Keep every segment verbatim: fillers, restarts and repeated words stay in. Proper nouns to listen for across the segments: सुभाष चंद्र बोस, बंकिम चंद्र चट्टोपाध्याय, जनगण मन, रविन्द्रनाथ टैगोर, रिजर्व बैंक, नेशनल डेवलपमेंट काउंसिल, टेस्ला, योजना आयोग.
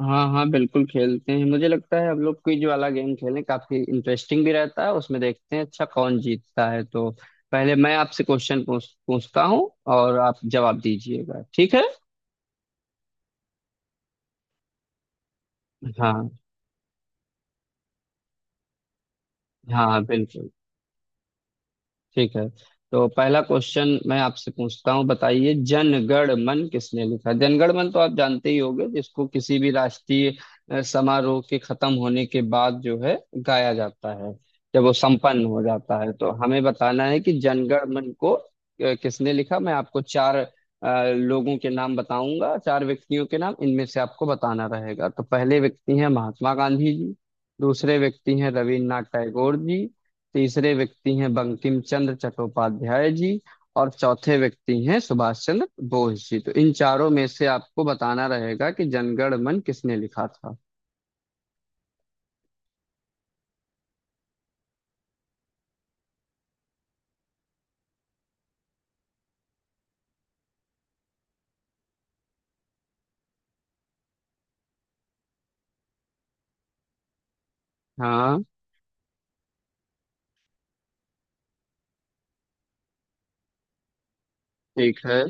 हाँ हाँ, बिल्कुल खेलते हैं। मुझे लगता है हम लोग क्विज वाला गेम खेलें, काफी इंटरेस्टिंग भी रहता है उसमें। देखते हैं अच्छा कौन जीतता है। तो पहले मैं आपसे क्वेश्चन पूछ पूछता हूँ और आप जवाब दीजिएगा। ठीक है? हाँ हाँ, बिल्कुल। ठीक है। तो पहला क्वेश्चन मैं आपसे पूछता हूँ। बताइए जनगण मन किसने लिखा? जनगण मन तो आप जानते ही होंगे, जिसको किसी भी राष्ट्रीय अ, समारोह के खत्म होने के बाद जो है गाया जाता है, जब वो संपन्न हो जाता है। तो हमें बताना है कि जनगण मन को अ, किसने लिखा। मैं आपको चार अ, लोगों के नाम बताऊंगा, चार व्यक्तियों के नाम। इनमें से आपको बताना रहेगा। तो पहले व्यक्ति हैं महात्मा गांधी जी। दूसरे व्यक्ति हैं रविन्द्रनाथ टैगोर जी। तीसरे व्यक्ति हैं बंकिम चंद्र चट्टोपाध्याय जी। और चौथे व्यक्ति हैं सुभाष चंद्र बोस जी। तो इन चारों में से आपको बताना रहेगा कि जनगण मन किसने लिखा था। हाँ। ठीक है।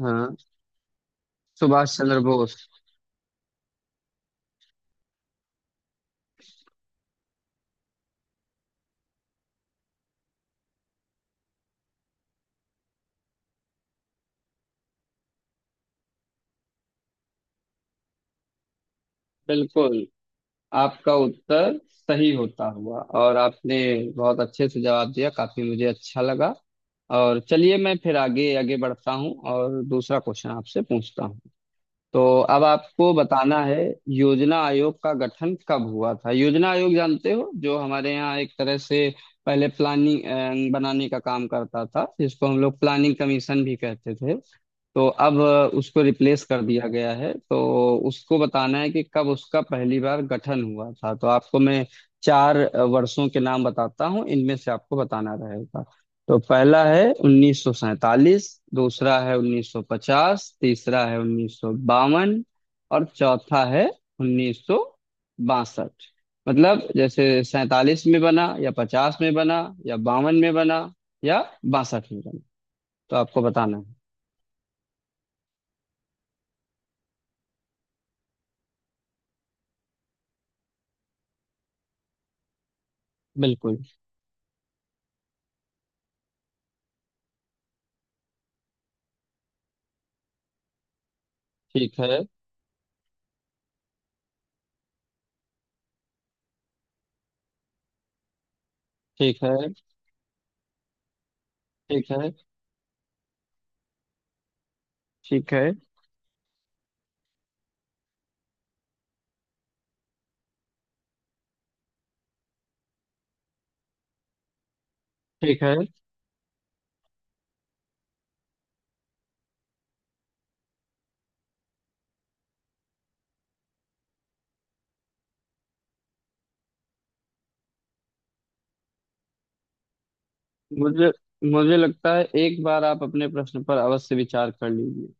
हाँ। सुभाष चंद्र बोस। बिल्कुल, आपका उत्तर सही होता हुआ। और आपने बहुत अच्छे से जवाब दिया, काफी मुझे अच्छा लगा। और चलिए मैं फिर आगे आगे बढ़ता हूँ और दूसरा क्वेश्चन आपसे पूछता हूँ। तो अब आपको बताना है, योजना आयोग का गठन कब हुआ था? योजना आयोग जानते हो, जो हमारे यहाँ एक तरह से पहले प्लानिंग बनाने का काम करता था, जिसको हम लोग प्लानिंग कमीशन भी कहते थे। तो अब उसको रिप्लेस कर दिया गया है। तो उसको बताना है कि कब उसका पहली बार गठन हुआ था। तो आपको मैं चार वर्षों के नाम बताता हूँ, इनमें से आपको बताना रहेगा। तो पहला है उन्नीस सौ सैंतालीस, दूसरा है उन्नीस सौ पचास, तीसरा है उन्नीस सौ बावन और चौथा है उन्नीस सौ बासठ। मतलब जैसे सैंतालीस में बना या पचास में बना या बावन में बना या बासठ में बना। तो आपको बताना है। बिल्कुल। ठीक है। ठीक है। ठीक है। ठीक है। ठीक है। मुझे मुझे लगता है एक बार आप अपने प्रश्न पर अवश्य विचार कर लीजिए।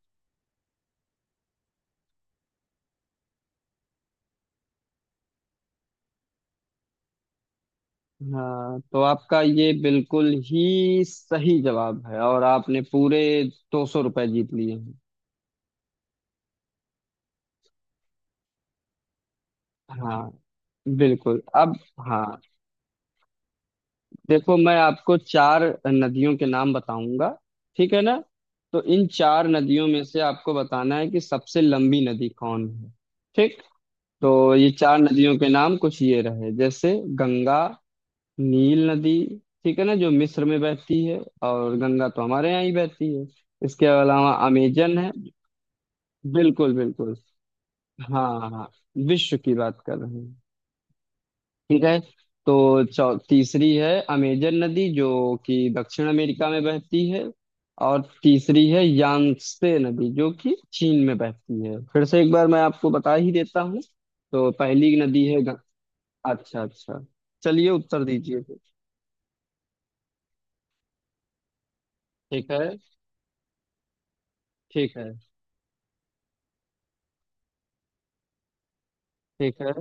हाँ, तो आपका ये बिल्कुल ही सही जवाब है। और आपने पूरे दो सौ रुपये जीत लिए हैं। हाँ, बिल्कुल। अब हाँ, देखो मैं आपको चार नदियों के नाम बताऊंगा। ठीक है ना? तो इन चार नदियों में से आपको बताना है कि सबसे लंबी नदी कौन है। ठीक। तो ये चार नदियों के नाम कुछ ये रहे, जैसे गंगा, नील नदी, ठीक है ना, जो मिस्र में बहती है। और गंगा तो हमारे यहाँ ही बहती है। इसके अलावा अमेजन है। बिल्कुल बिल्कुल। हाँ हाँ हाँ, विश्व की बात कर रहे हैं। ठीक है। तो चौ तीसरी है अमेजन नदी, जो कि दक्षिण अमेरिका में बहती है। और तीसरी है यांगत्से नदी, जो कि चीन में बहती है। फिर से एक बार मैं आपको बता ही देता हूँ। तो पहली नदी है गंगा। अच्छा अच्छा। चलिए उत्तर दीजिए फिर। ठीक है। ठीक है। ठीक है।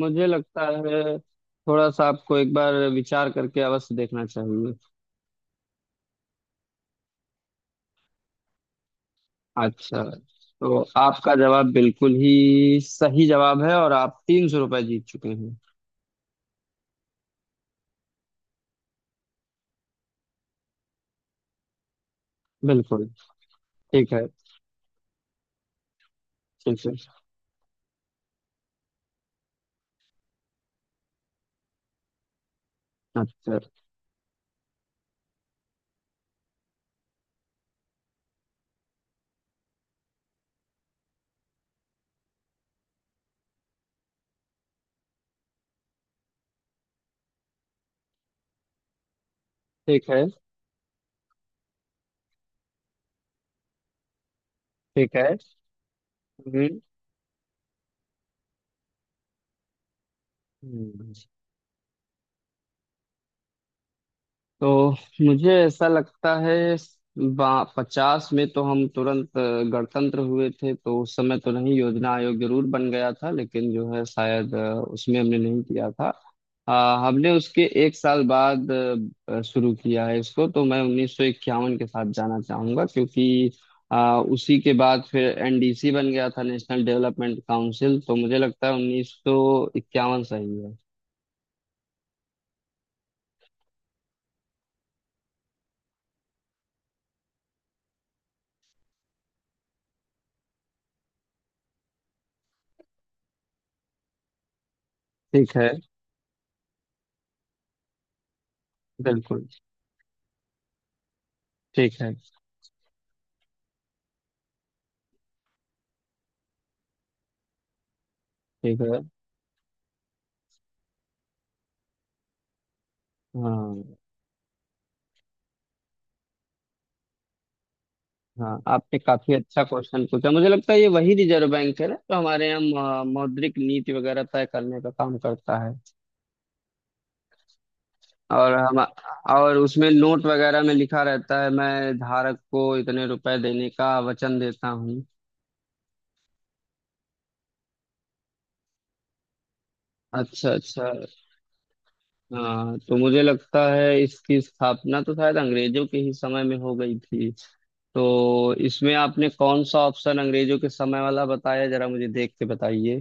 मुझे लगता है थोड़ा सा आपको एक बार विचार करके अवश्य देखना चाहिए। अच्छा, तो आपका जवाब बिल्कुल ही सही जवाब है और आप तीन सौ रुपये जीत चुके हैं। बिल्कुल। ठीक है। ठीक है। अच्छा। ठीक है। ठीक है। हम्म। हम्म। तो मुझे ऐसा लगता है, पचास में तो हम तुरंत अ, गणतंत्र हुए थे, तो उस समय तो नहीं। योजना आयोग जरूर बन गया था, लेकिन जो है शायद अ, उसमें हमने नहीं किया था। अ, हमने उसके एक साल बाद अ, शुरू किया है इसको। तो मैं उन्नीस सौ इक्यावन के साथ जाना चाहूंगा, क्योंकि अ, उसी के बाद फिर एनडीसी बन गया था, नेशनल डेवलपमेंट काउंसिल। तो मुझे लगता है उन्नीस सौ इक्यावन सही है। ठीक है। बिल्कुल। ठीक है। ठीक है। हाँ। हाँ, आपने काफी अच्छा क्वेश्चन पूछा। मुझे लगता है ये वही रिजर्व बैंक है ना, तो हमारे यहाँ म- मौद्रिक नीति वगैरह तय करने का काम करता है। और हम, और उसमें नोट वगैरह में लिखा रहता है, मैं धारक को इतने रुपए देने का वचन देता हूँ। अच्छा अच्छा। हाँ, तो मुझे लगता है इसकी स्थापना तो शायद अंग्रेजों के ही समय में हो गई थी। तो इसमें आपने कौन सा ऑप्शन अंग्रेजों के समय वाला बताया, जरा मुझे देख के बताइए।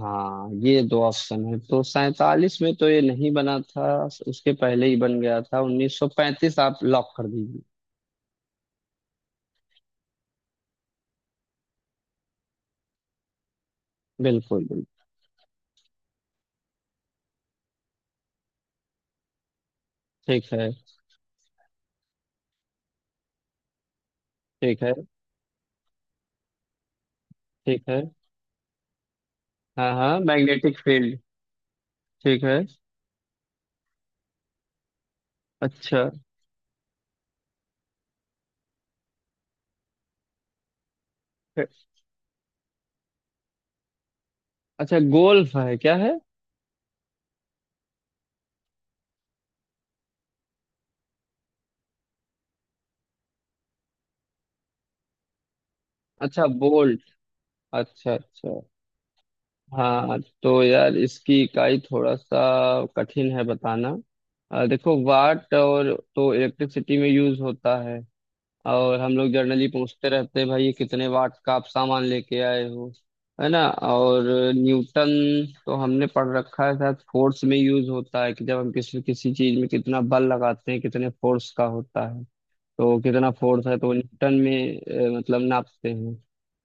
हाँ, ये दो ऑप्शन है। तो सैतालीस में तो ये नहीं बना था, उसके पहले ही बन गया था। उन्नीस सौ पैंतीस आप लॉक कर दीजिए। बिल्कुल बिल्कुल। ठीक है। ठीक है। ठीक है। हाँ हाँ, मैग्नेटिक फील्ड। ठीक है। अच्छा, अच्छा गोल्फ है क्या है? अच्छा बोल्ट, अच्छा अच्छा। हाँ तो यार, इसकी इकाई थोड़ा सा कठिन है बताना। अ, देखो वाट और तो इलेक्ट्रिसिटी में यूज होता है, और हम लोग जर्नली पूछते रहते हैं, भाई ये कितने वाट का आप सामान लेके आए हो। है ना? और न्यूटन तो हमने पढ़ रखा है, शायद फोर्स में यूज होता है कि जब हम किसी किसी चीज में कितना बल लगाते हैं, कितने फोर्स का होता है। तो कितना फोर्स है तो न्यूटन में अ, मतलब नापते हैं।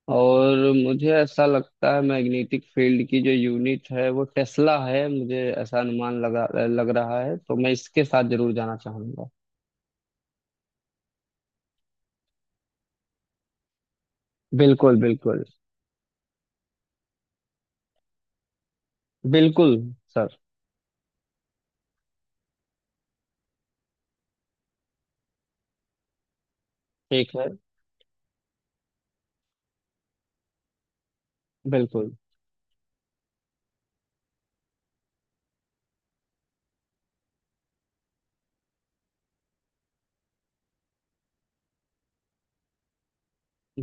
और मुझे ऐसा लगता है मैग्नेटिक फील्ड की जो यूनिट है वो टेस्ला है। मुझे ऐसा अनुमान लगा लग रहा है। तो मैं इसके साथ जरूर जाना चाहूंगा। बिल्कुल बिल्कुल। बिल्कुल सर। ठीक है। बिल्कुल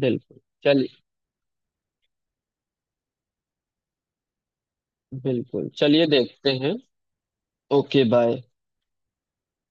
बिल्कुल चल बिल्कुल चलिए देखते हैं। Okay bye.